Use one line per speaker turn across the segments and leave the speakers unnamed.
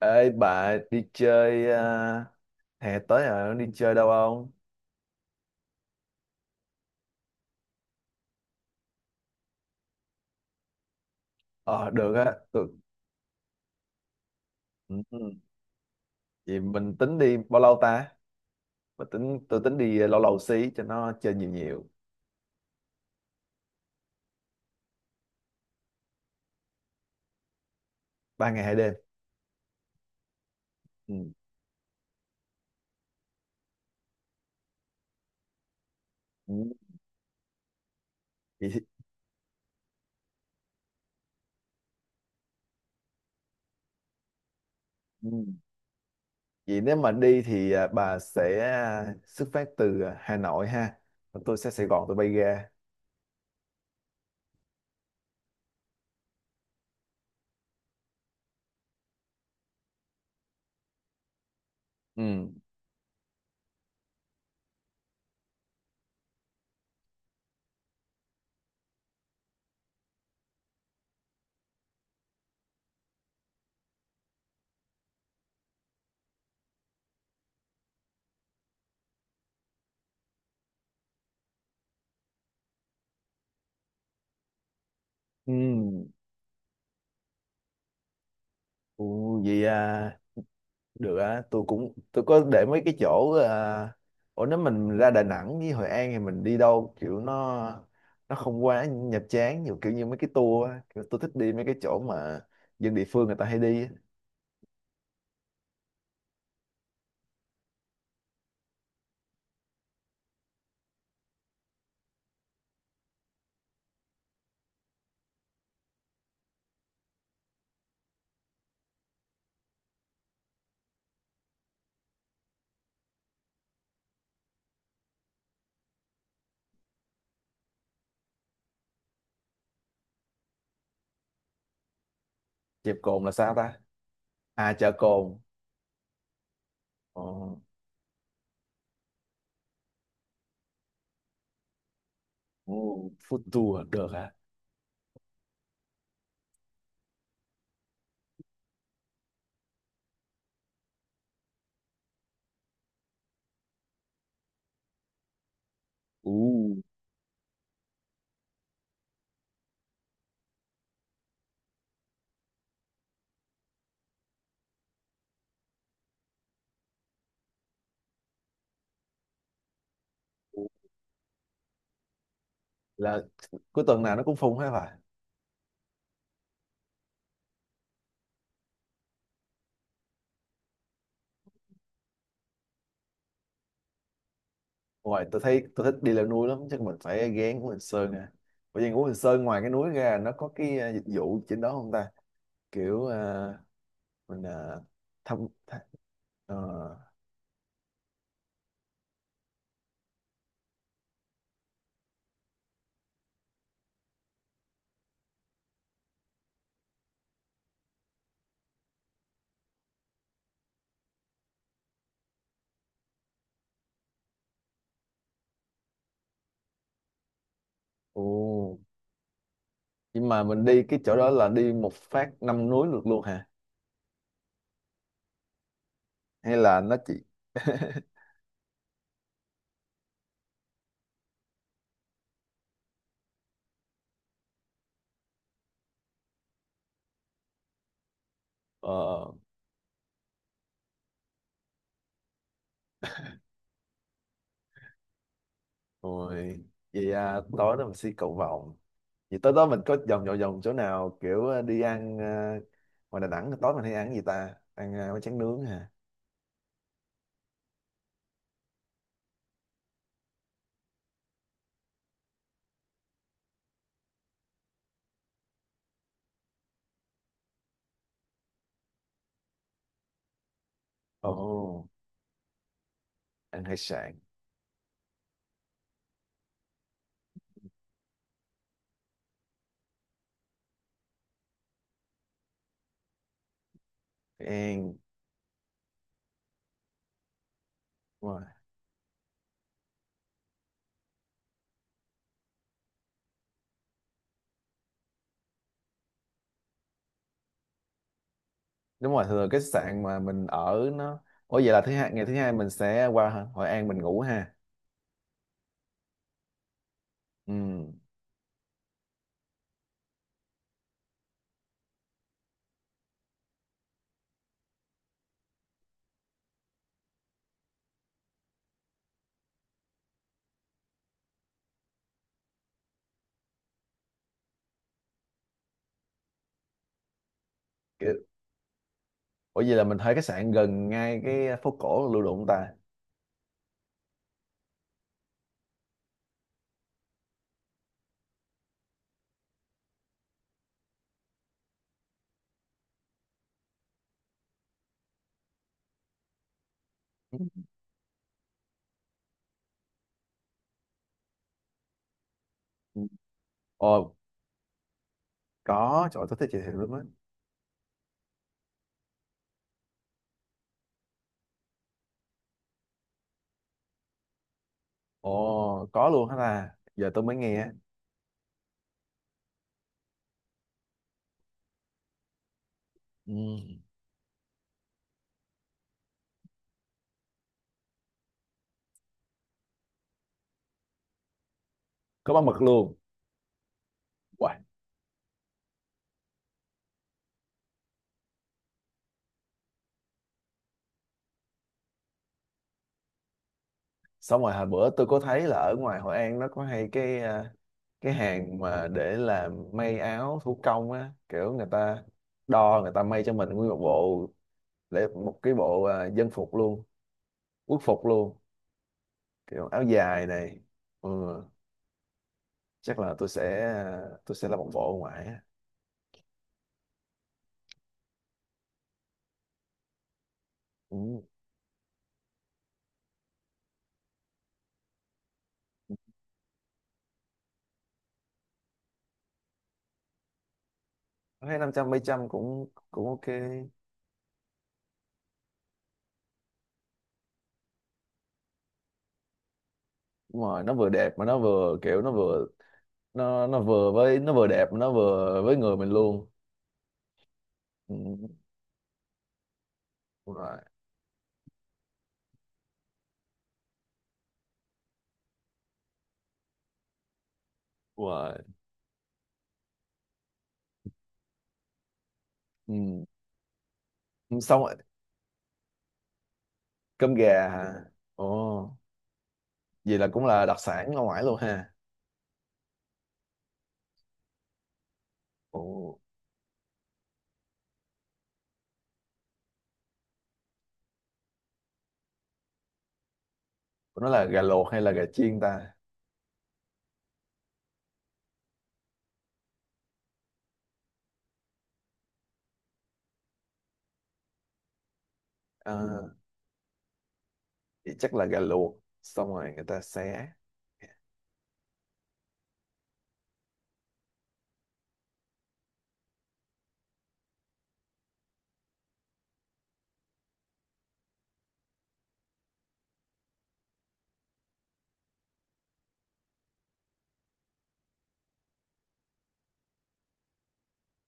Ê bà đi chơi à, hè tới rồi đi chơi đâu không? Ờ được á. Ừ, ừ. Vậy mình tính đi bao lâu ta? Mình tính tôi tính đi lâu lâu xí cho nó chơi nhiều nhiều. 3 ngày 2 đêm. Ừ. Ừ. Vậy, thì- ừ. Vậy nếu mà đi thì bà sẽ xuất phát từ Hà Nội ha. Còn tôi sẽ Sài Gòn tôi bay ra. Ừ. Ừ. Ủa, vậy à, được á, tôi có để mấy cái chỗ ủa, nếu mình ra Đà Nẵng với Hội An thì mình đi đâu kiểu nó không quá nhập chán nhiều kiểu như mấy cái tour á. Kiểu tôi thích đi mấy cái chỗ mà dân địa phương người ta hay đi á. Chèo cồn là sao ta? À, chợ cồn. Ờ. Ồ, food tour được hả? Ồ, là cuối tuần nào nó cũng phun hết phải? Ngoài tôi thấy tôi thích đi leo núi lắm, chắc mình phải ghé Ngũ Hành Sơn nè. Bởi vì Ngũ Hành Sơn ngoài cái núi ra nó có cái dịch vụ trên đó không ta? Kiểu ờ, mình à, thăm tha- ờ, ồ. Nhưng mà mình đi cái chỗ đó là đi một phát 5 núi được luôn hả? Hay là nó chỉ ờ. Rồi, vậy tối đó mình đi cầu vồng. Vậy tối đó mình có vòng vòng vòng chỗ nào kiểu đi ăn ngoài Đà Nẵng, tối mình hay ăn cái gì ta, ăn bánh tráng nướng hả? Ồ, ăn hải sản. Ăn đúng rồi. Đúng rồi, thường cái sạn mà mình ở nó... Ủa, vậy là thứ hai, ngày thứ hai mình sẽ qua Hội An mình ngủ ha? Ừ. Ủa vậy là mình thuê khách sạn gần ngay cái phố cổ Lưu Động ta? Ừ. Ồ, có, trời ơi, tôi thích chị thiệu lắm á. Ồ, có luôn hả ta? Giờ tôi mới nghe. Ừ. Có bán mực luôn. Wow. Xong rồi hồi bữa tôi có thấy là ở ngoài Hội An nó có hay cái cái hàng mà để làm may áo thủ công á, kiểu người ta đo người ta may cho mình nguyên một bộ, để một cái bộ dân phục luôn, quốc phục luôn, kiểu áo dài này. Ừ. Chắc là tôi sẽ làm một bộ ở ngoài. Ừ. Thấy 500 mấy trăm cũng cũng ok. Nhưng mà nó vừa đẹp mà nó vừa kiểu nó vừa với nó vừa đẹp mà nó vừa với người mình luôn. Ừ. Đúng rồi. Đúng rồi. Ừ. Ừ, xong rồi. Cơm gà hả? Ồ, vậy là cũng là đặc sản ở ngoài luôn ha. Ồ, nó là gà luộc hay là gà chiên ta? À, vậy chắc là gà luộc xong rồi người ta xé.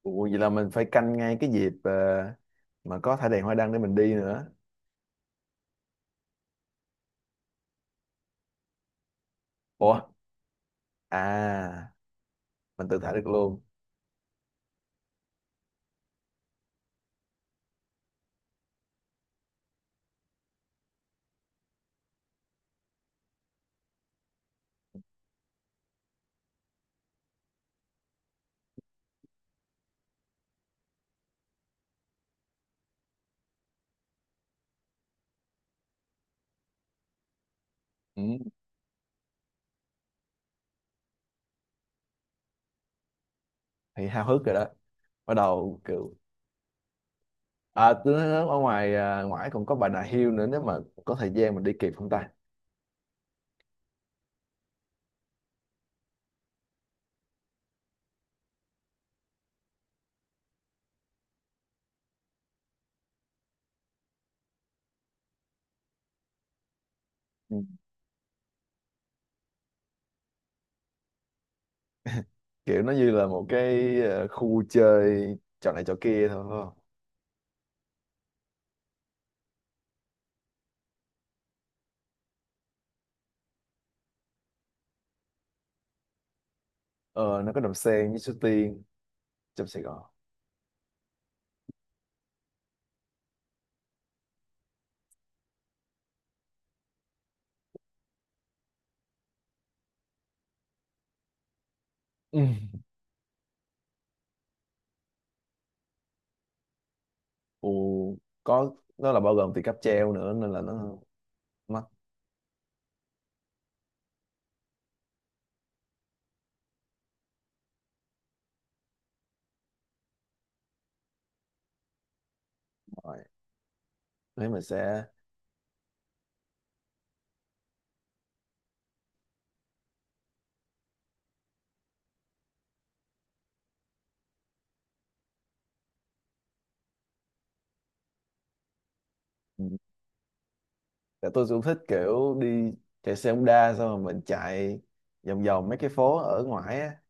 Ồ, vậy là mình phải canh ngay cái dịp mà có thả đèn hoa đăng để mình đi nữa. Ủa, à, mình tự thả được luôn? Ừ, thì háo hức rồi đó. Bắt đầu kiểu... À, tôi nói ở ngoài ngoại còn có Bà Nà Hills nữa, nếu mà có thời gian mình đi kịp không ta? Ừ. Kiểu nó như là một cái khu chơi trò này trò kia thôi phải không? Ờ, nó có Đầm Sen với Suối Tiên trong Sài Gòn. Ừ. Ồ, có, nó là bao gồm tiền cáp treo nữa nên là nó mắc. Mỏi thế mình sẽ... Ừ. Tại tôi cũng thích kiểu đi chạy xe Honda, xong rồi mình chạy vòng vòng mấy cái phố ở ngoài á,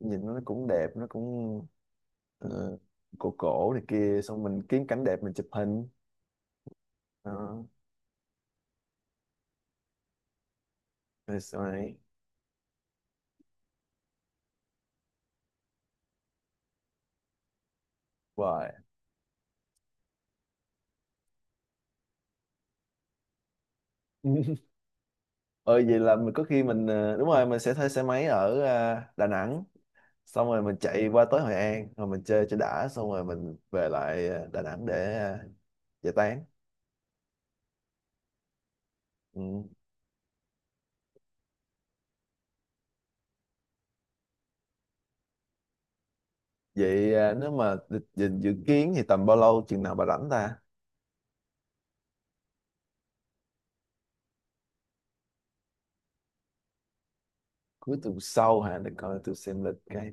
nhìn nó cũng đẹp, nó cũng ờ, cổ cổ này kia, xong mình kiếm cảnh đẹp mình chụp hình đó. Rồi sau này hoài ờ, vậy là mình có khi mình đúng rồi, mình sẽ thuê xe máy ở Đà Nẵng, xong rồi mình chạy qua tới Hội An rồi mình chơi cho đã, xong rồi mình về lại Đà Nẵng để giải tán. Ừ. Vậy nếu mà dự kiến thì tầm bao lâu, chừng nào bà rảnh ta? Cuối tuần sau hả? Để coi tôi xem lịch cái.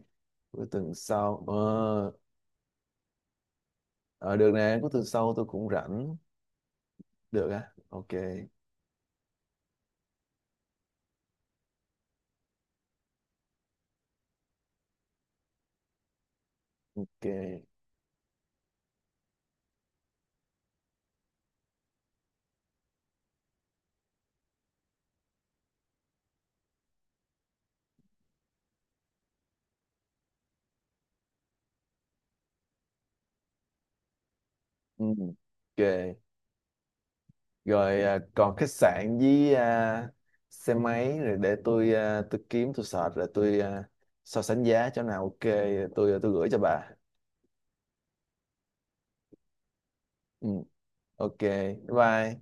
Cuối tuần sau ờ. Ờ, được nè, cuối tuần sau tôi cũng rảnh. Được á, ok. Ok. Ừ. Ok. Rồi còn khách sạn với xe máy rồi, để tôi kiếm tôi search rồi so sánh giá chỗ nào ok rồi tôi gửi cho bà. Ừ. Ok, bye bye.